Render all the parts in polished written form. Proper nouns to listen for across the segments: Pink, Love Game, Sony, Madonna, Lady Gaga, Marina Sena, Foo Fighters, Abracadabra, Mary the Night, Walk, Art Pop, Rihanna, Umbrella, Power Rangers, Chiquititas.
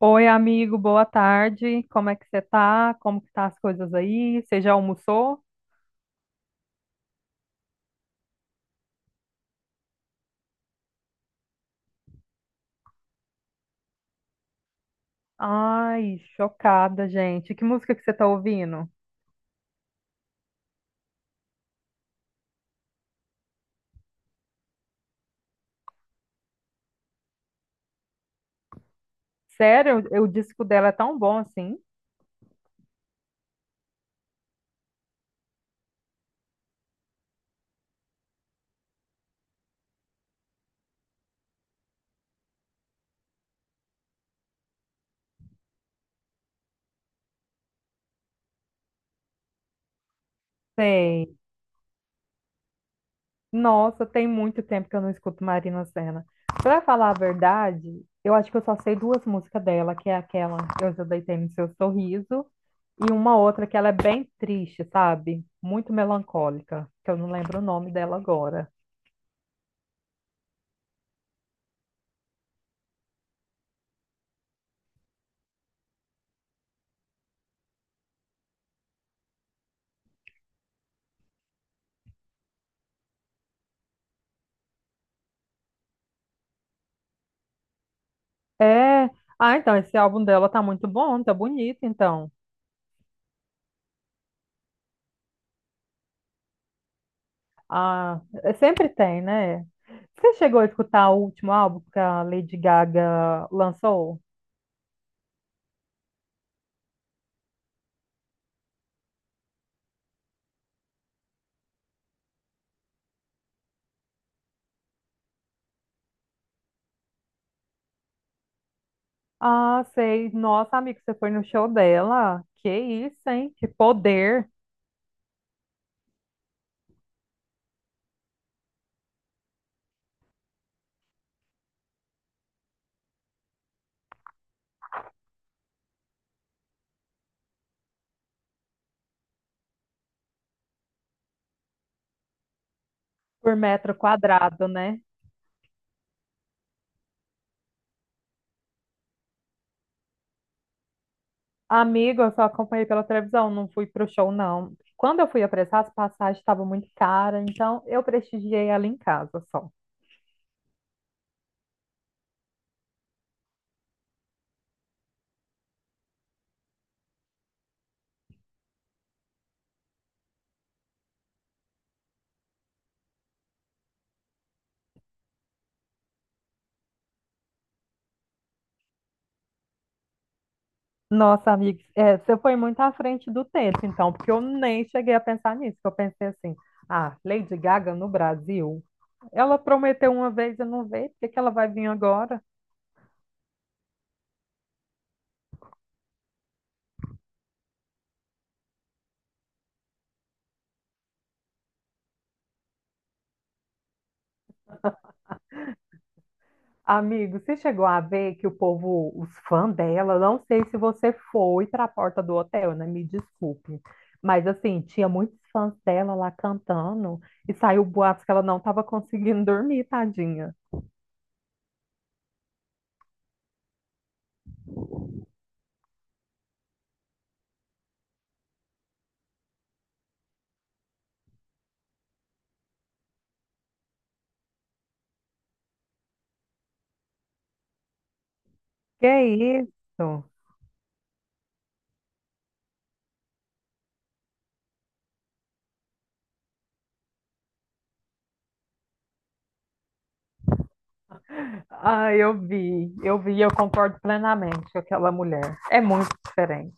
Oi, amigo, boa tarde. Como é que você tá? Como que tá as coisas aí? Você já almoçou? Ai, chocada, gente. Que música que você tá ouvindo? Sério, o disco dela é tão bom assim? Sei. Nossa, tem muito tempo que eu não escuto Marina Sena. Pra falar a verdade, eu acho que eu só sei duas músicas dela, que é aquela Eu Já Deitei no Seu Sorriso, e uma outra que ela é bem triste, sabe? Muito melancólica, que eu não lembro o nome dela agora. É. Ah, então, esse álbum dela tá muito bom, tá bonito, então. Ah, sempre tem, né? Você chegou a escutar o último álbum que a Lady Gaga lançou? Ah, sei. Nossa, amigo, você foi no show dela? Que isso, hein? Que poder por metro quadrado, né? Amigo, eu só acompanhei pela televisão, não fui pro show, não. Quando eu fui apressar, as passagens estavam muito caras, então eu prestigiei ela em casa só. Nossa, amiga, é, você foi muito à frente do tempo, então, porque eu nem cheguei a pensar nisso, que eu pensei assim, ah, Lady Gaga no Brasil, ela prometeu uma vez e não veio, por que que ela vai vir agora? Amigo, você chegou a ver que o povo, os fãs dela, não sei se você foi para a porta do hotel, né? Me desculpe. Mas assim, tinha muitos fãs dela lá cantando, e saiu boatos que ela não estava conseguindo dormir, tadinha. Que isso? Ah, eu vi, eu vi, eu concordo plenamente com aquela mulher. É muito diferente.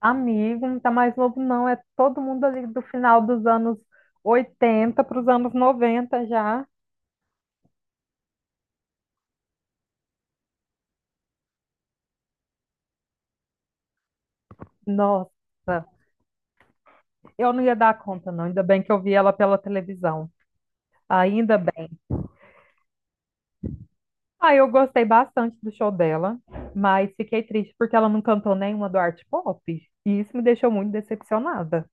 Amigo, não tá mais novo, não. É todo mundo ali do final dos anos 80 para os anos 90 já. Nossa, eu não ia dar conta, não. Ainda bem que eu vi ela pela televisão. Ainda bem. Ah, eu gostei bastante do show dela, mas fiquei triste porque ela não cantou nenhuma do art pop. E isso me deixou muito decepcionada.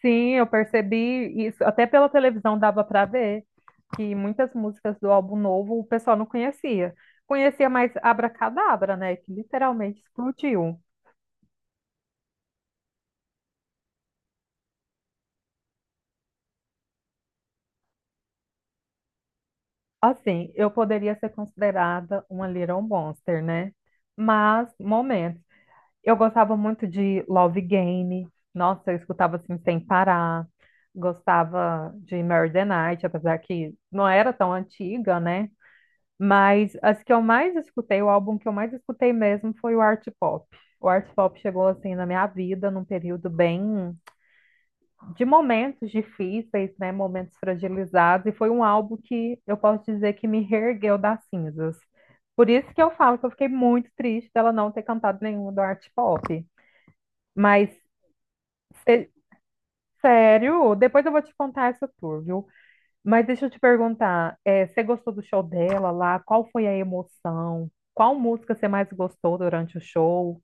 Sim, eu percebi isso. Até pela televisão dava para ver que muitas músicas do álbum novo o pessoal não conhecia. Conhecia mais Abracadabra, né? Que literalmente explodiu. Assim, eu poderia ser considerada uma Little Monster, né? Mas, momento, eu gostava muito de Love Game. Nossa, eu escutava assim sem parar. Gostava de Mary the Night, apesar que não era tão antiga, né? Mas as que eu mais escutei, o álbum que eu mais escutei mesmo foi o Art Pop. O Art Pop chegou assim na minha vida num período bem de momentos difíceis, né? Momentos fragilizados, e foi um álbum que eu posso dizer que me reergueu das cinzas. Por isso que eu falo que eu fiquei muito triste dela não ter cantado nenhuma do Art Pop. Mas é, Sério? Depois eu vou te contar essa tour, viu? Mas deixa eu te perguntar, é, você gostou do show dela lá? Qual foi a emoção? Qual música você mais gostou durante o show?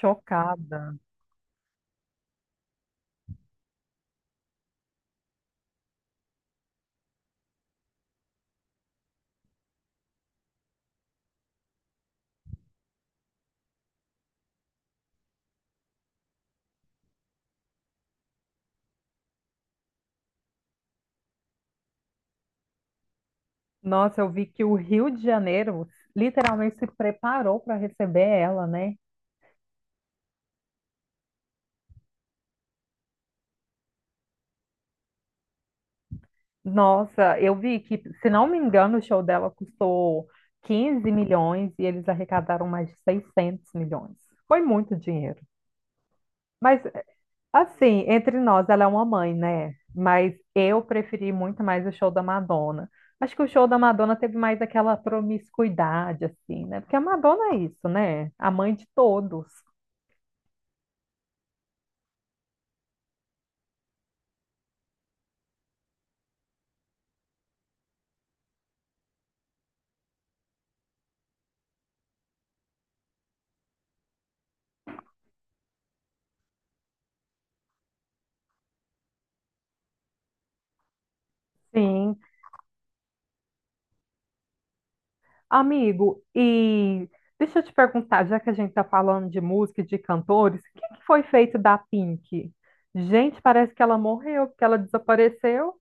Chocada. Nossa, eu vi que o Rio de Janeiro literalmente se preparou para receber ela, né? Nossa, eu vi que, se não me engano, o show dela custou 15 milhões e eles arrecadaram mais de 600 milhões. Foi muito dinheiro. Mas, assim, entre nós, ela é uma mãe, né? Mas eu preferi muito mais o show da Madonna. Acho que o show da Madonna teve mais aquela promiscuidade, assim, né? Porque a Madonna é isso, né? A mãe de todos. Sim, amigo, e deixa eu te perguntar, já que a gente tá falando de música e de cantores, o que que foi feito da Pink? Gente, parece que ela morreu, porque ela desapareceu.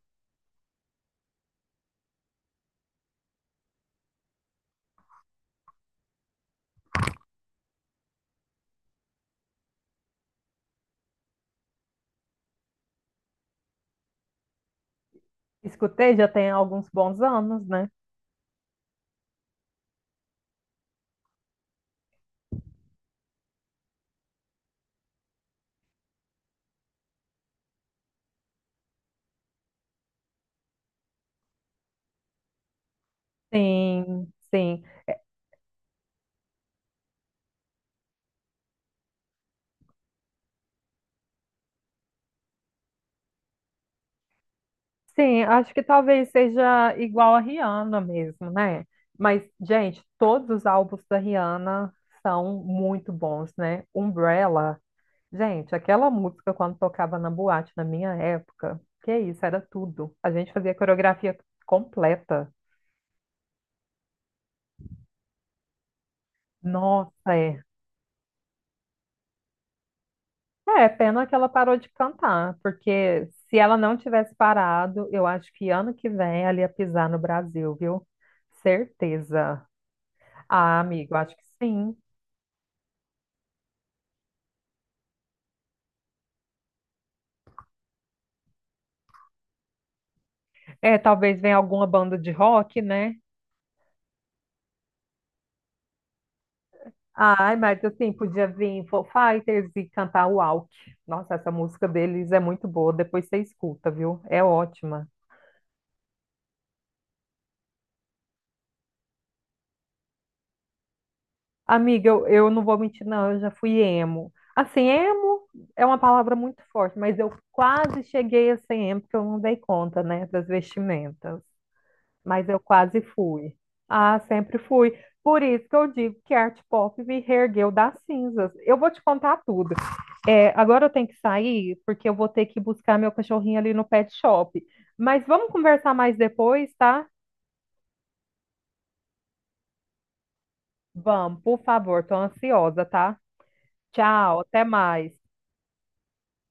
Escutei, já tem alguns bons anos, né? Sim, sim. Sim, acho que talvez seja igual a Rihanna mesmo, né? Mas, gente, todos os álbuns da Rihanna são muito bons, né? Umbrella. Gente, aquela música quando tocava na boate na minha época, que isso, era tudo. A gente fazia coreografia completa. Nossa, é. É, pena que ela parou de cantar, porque se ela não tivesse parado, eu acho que ano que vem ela ia pisar no Brasil, viu? Certeza. Ah, amigo, acho que sim. É, talvez venha alguma banda de rock, né? Ai, Marta, assim, podia vir Foo Fighters e cantar Walk. Nossa, essa música deles é muito boa, depois você escuta, viu? É ótima. Amiga, eu não vou mentir, não, eu já fui emo. Assim, emo é uma palavra muito forte, mas eu quase cheguei a ser emo, porque eu não dei conta, né, das vestimentas. Mas eu quase fui. Ah, sempre fui. Por isso que eu digo que a arte pop me reergueu das cinzas. Eu vou te contar tudo. É, agora eu tenho que sair, porque eu vou ter que buscar meu cachorrinho ali no pet shop. Mas vamos conversar mais depois, tá? Vamos, por favor, tô ansiosa, tá? Tchau, até mais.